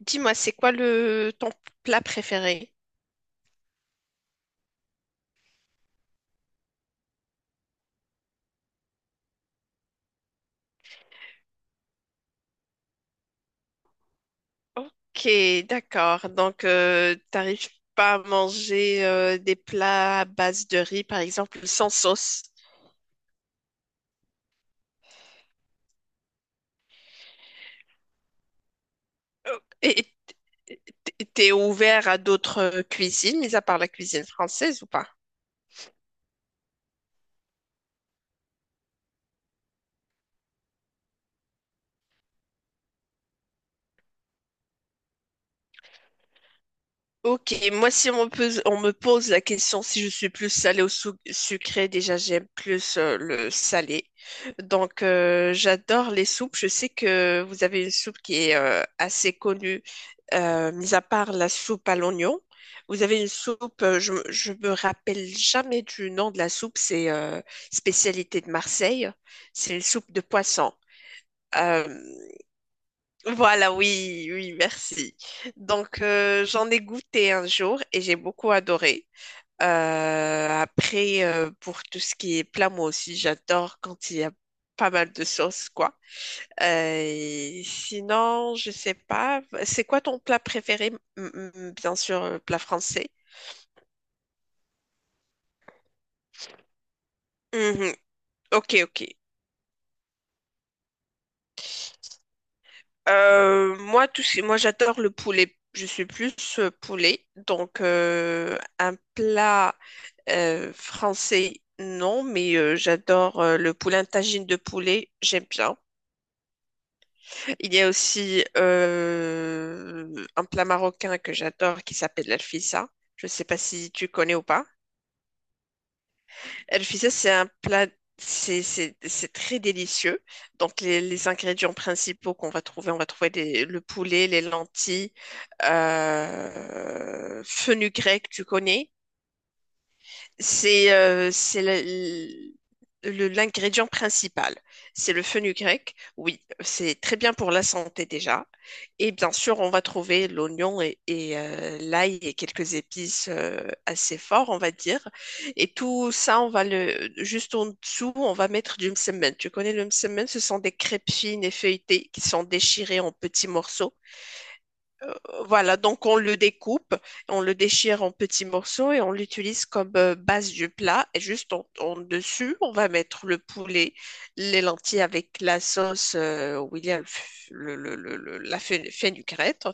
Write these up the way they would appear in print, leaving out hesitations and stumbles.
Dis-moi, c'est quoi le ton plat préféré? Ok, d'accord. Donc, t'arrives pas à manger des plats à base de riz, par exemple, sans sauce. Euh, Et t'es ouvert à d'autres cuisines, mis à part la cuisine française ou pas? Ok, moi si on me pose la question si je suis plus salée ou sucrée, déjà j'aime plus le salé. Donc j'adore les soupes. Je sais que vous avez une soupe qui est assez connue, mis à part la soupe à l'oignon. Vous avez une soupe, je me rappelle jamais du nom de la soupe, c'est spécialité de Marseille. C'est une soupe de poisson. Euh, voilà, oui, oui, merci. Donc, j'en ai goûté un jour et j'ai beaucoup adoré. Pour tout ce qui est plat, moi aussi, j'adore quand il y a pas mal de sauce, quoi. Sinon, je sais pas. C'est quoi ton plat préféré? Bien sûr, plat français. Mhm. Ok, ok. Moi, j'adore le poulet. Je suis plus poulet. Donc, un plat français, non, mais j'adore le poulet, un tagine de poulet, j'aime bien. Il y a aussi un plat marocain que j'adore qui s'appelle l'alfissa. Je ne sais pas si tu connais ou pas. Elle faisait, c'est un plat, c'est très délicieux. Donc, les ingrédients principaux qu'on va trouver, on va trouver le poulet, les lentilles, fenugrec, tu connais. C'est euh, c'est le- l'ingrédient principal. C'est le fenugrec. Oui, c'est très bien pour la santé déjà. Et bien sûr, on va trouver l'oignon et l'ail et quelques épices assez forts, on va dire. Et tout ça, on va le juste en dessous, on va mettre du msemen. Tu connais le msemen? Ce sont des crêpes fines et feuilletées qui sont déchirées en petits morceaux, voilà, donc on le découpe, on le déchire en petits morceaux et on l'utilise comme base du plat. Et juste en dessus, on va mettre le poulet, les lentilles avec la sauce où il y a le f- le- la fe- fenugrette.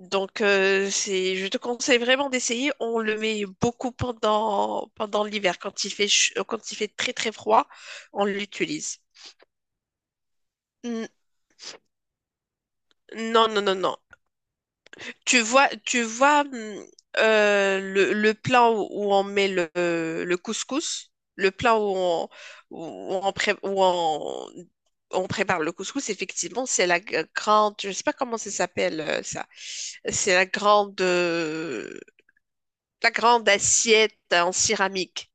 Donc c'est, je te conseille vraiment d'essayer. On le met beaucoup pendant l'hiver quand il fait quand il fait très très froid, on l'utilise. N- Non non non non. Tu vois le plat où, où on met le couscous, le plat où où on prépare le couscous, effectivement, grande, je sais pas comment ça s'appelle ça, c'est la grande assiette en céramique.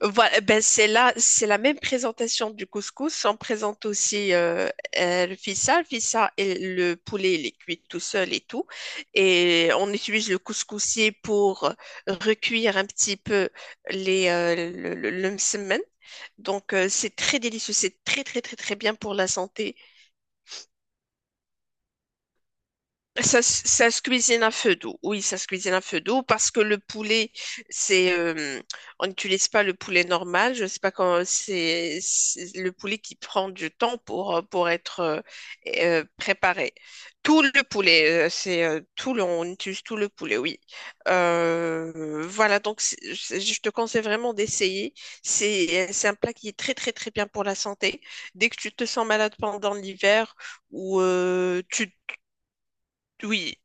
Voilà, ben c'est là, c'est la même présentation du couscous. On présente aussi le fissa. Le fissa et le poulet, il est cuit tout seul et tout. Et on utilise le couscoussier pour recuire un petit peu le msemen. Donc, c'est très délicieux. C'est très, très, très, très bien pour la santé. Ça se cuisine à feu doux. Oui, ça se cuisine à feu doux parce que le poulet, c'est, euh, on n'utilise pas le poulet normal. Je ne sais pas quand c'est le poulet qui prend du temps pour être préparé. Tout le poulet, on utilise tout le poulet, oui. Voilà, donc je te conseille vraiment d'essayer. C'est un plat qui est très très très bien pour la santé. Dès que tu te sens malade pendant l'hiver ou tu Oui,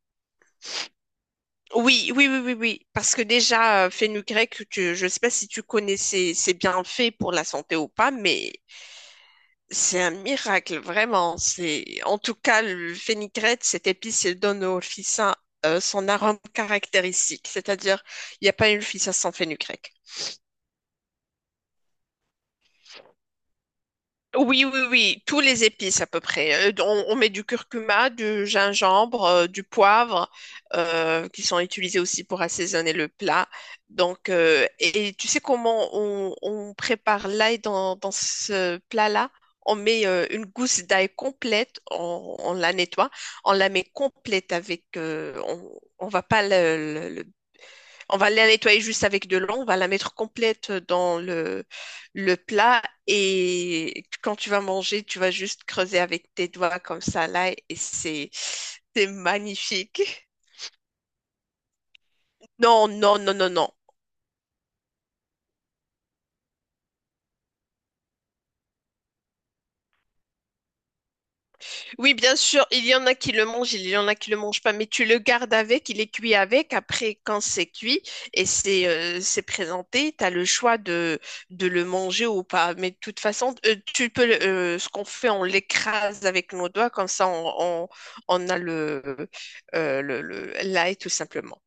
oui, oui, oui, oui, oui. Parce que déjà, fenugrec, je ne sais pas si tu connais ses bienfaits pour la santé ou pas, mais c'est un miracle, vraiment. C'est, en tout cas, le fenugrec, cette épice, elle donne au ficin son arôme caractéristique. C'est-à-dire, il n'y a pas une ficin sans fenugrec. Oui, oui, oui, tous les épices à peu près. On met du curcuma, du gingembre, du poivre, qui sont utilisés aussi pour assaisonner le plat. Donc, et tu sais comment on prépare l'ail dans ce plat-là? On met une gousse d'ail complète, on la nettoie, on la met complète avec, on va pas le on va la nettoyer juste avec de l'eau, on va la mettre complète dans le plat et quand tu vas manger, tu vas juste creuser avec tes doigts comme ça là et c'est magnifique. Non, non, non, non, non. Oui, bien sûr, il y en a qui le mangent, il y en a qui le mangent pas, mais tu le gardes avec, il est cuit avec. Après, quand c'est cuit et c'est présenté, tu as le choix de le manger ou pas. Mais de toute façon, tu peux, ce qu'on fait, on l'écrase avec nos doigts, comme ça, on a l'ail tout simplement.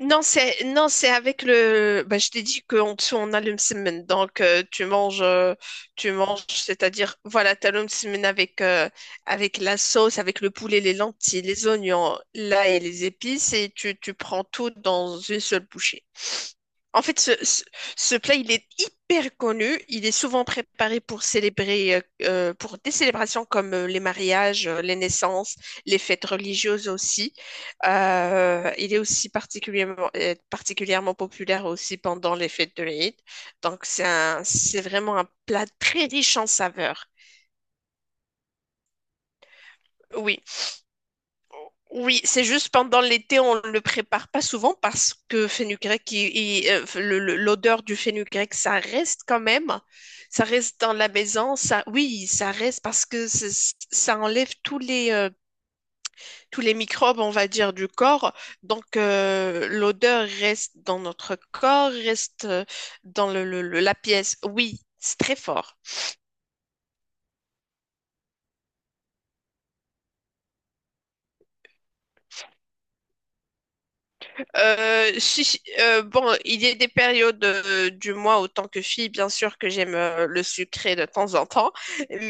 Non, c'est non, c'est avec le. Bah, je t'ai dit qu'en dessous on a le msemen, donc tu manges, c'est-à-dire voilà, t'as le msemen avec avec la sauce, avec le poulet, les lentilles, les oignons, l'ail et les épices, et tu prends tout dans une seule bouchée. En fait, ce plat, il est hyper connu. Il est souvent préparé pour célébrer, pour des célébrations comme les mariages, les naissances, les fêtes religieuses aussi. Il est aussi particulièrement populaire aussi pendant les fêtes de l'Aïd. Donc, c'est vraiment un plat très riche en saveurs. Oui. Oui, c'est juste pendant l'été, on ne le prépare pas souvent parce que fenugrec, l'odeur du fenugrec, ça reste quand même. Ça reste dans la maison. Ça, oui, ça reste parce que ça enlève tous les microbes, on va dire, du corps. Donc, l'odeur reste dans notre corps, reste dans la pièce. Oui, c'est très fort. Bon, il y a des périodes du mois, autant que fille, bien sûr que j'aime le sucré de temps en temps.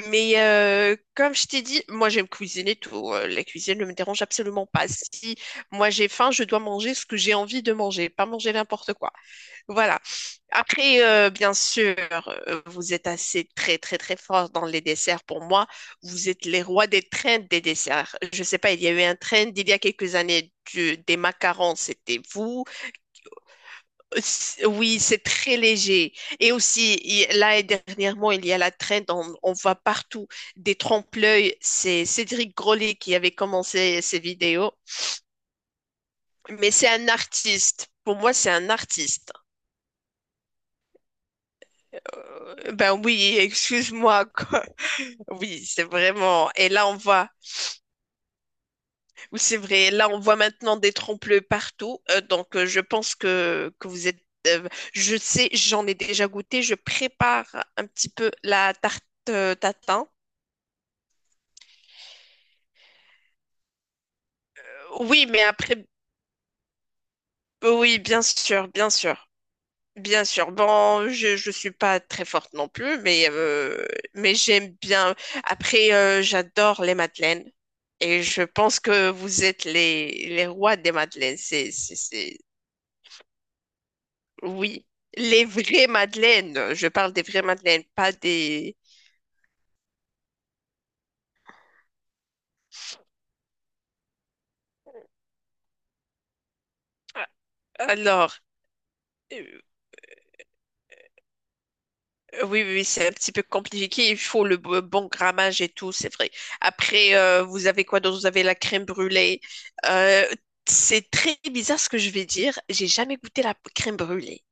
Mais comme je t'ai dit, moi j'aime cuisiner tout. La cuisine ne me dérange absolument pas. Si moi j'ai faim, je dois manger ce que j'ai envie de manger, pas manger n'importe quoi. Voilà. Bien sûr, vous êtes assez très très très fort dans les desserts. Pour moi, vous êtes les rois des trends des desserts. Je sais pas, il y a eu un trend il y a quelques années des macarons, c'était vous. Oui, c'est très léger. Et aussi, il- là, et dernièrement, il y a la trend, on voit partout des trompe-l'œil. C'est Cédric Grolet qui avait commencé ces vidéos. Mais c'est un artiste. Pour moi, c'est un artiste. Ben oui, excuse-moi, quoi. Oui, c'est vraiment. Et là, on voit. Oui, c'est vrai. Là, on voit maintenant des trompe-l'œil partout. Je pense que vous êtes. euh, je sais, j'en ai déjà goûté. Je prépare un petit peu la tarte tatin. Oui, mais après, oui, bien sûr, bien sûr, bien sûr. Bon, je suis pas très forte non plus, mais j'aime bien. Après, j'adore les madeleines et je pense que vous êtes les rois des madeleines. C'est oui, les vraies madeleines. Je parle des vraies madeleines, pas des. Alors. Euh, Oui, oui, oui, c'est un petit peu compliqué. Il faut le bon grammage et tout, c'est vrai. Après, vous avez quoi d'autre? Vous avez la crème brûlée. Euh, c'est très bizarre ce que je vais dire. J'ai jamais goûté la crème brûlée.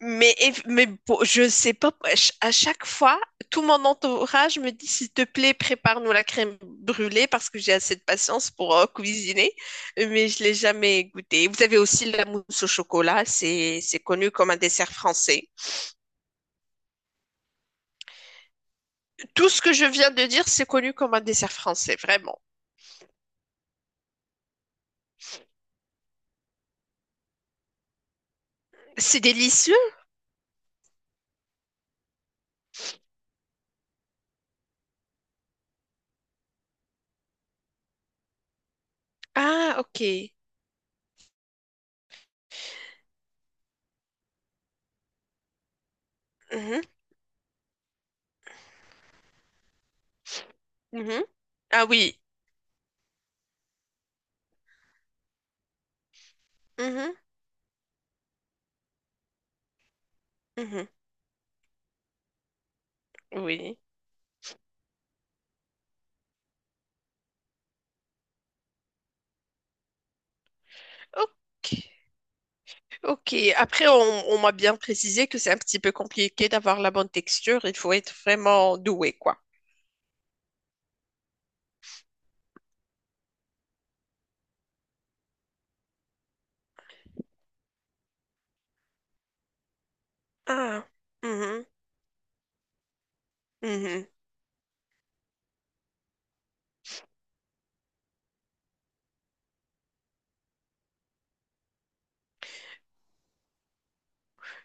Mais bon, je sais pas. À chaque fois, tout mon entourage me dit, s'il te plaît, prépare-nous la crème brûlée parce que j'ai assez de patience pour cuisiner. Mais je l'ai jamais goûtée. Vous avez aussi la mousse au chocolat. C'est connu comme un dessert français. Tout ce que je viens de dire, c'est connu comme un dessert français, vraiment. C'est délicieux. Ah, ok. Mhm, mhm. Ah oui. Mhm, mhm. Oui. Ok. Ok. Après, on m'a bien précisé que c'est un petit peu compliqué d'avoir la bonne texture. Il faut être vraiment doué, quoi. Ah. Mhm, mhm.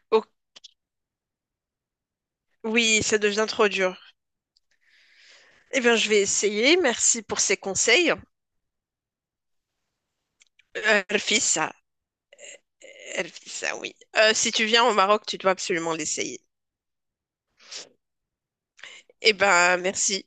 Ok. Oui, ça devient trop dur. Eh bien, je vais essayer. Merci pour ces conseils. Rfis, Elle fait ça, oui. Si tu viens au Maroc, tu dois absolument l'essayer. Eh ben, merci.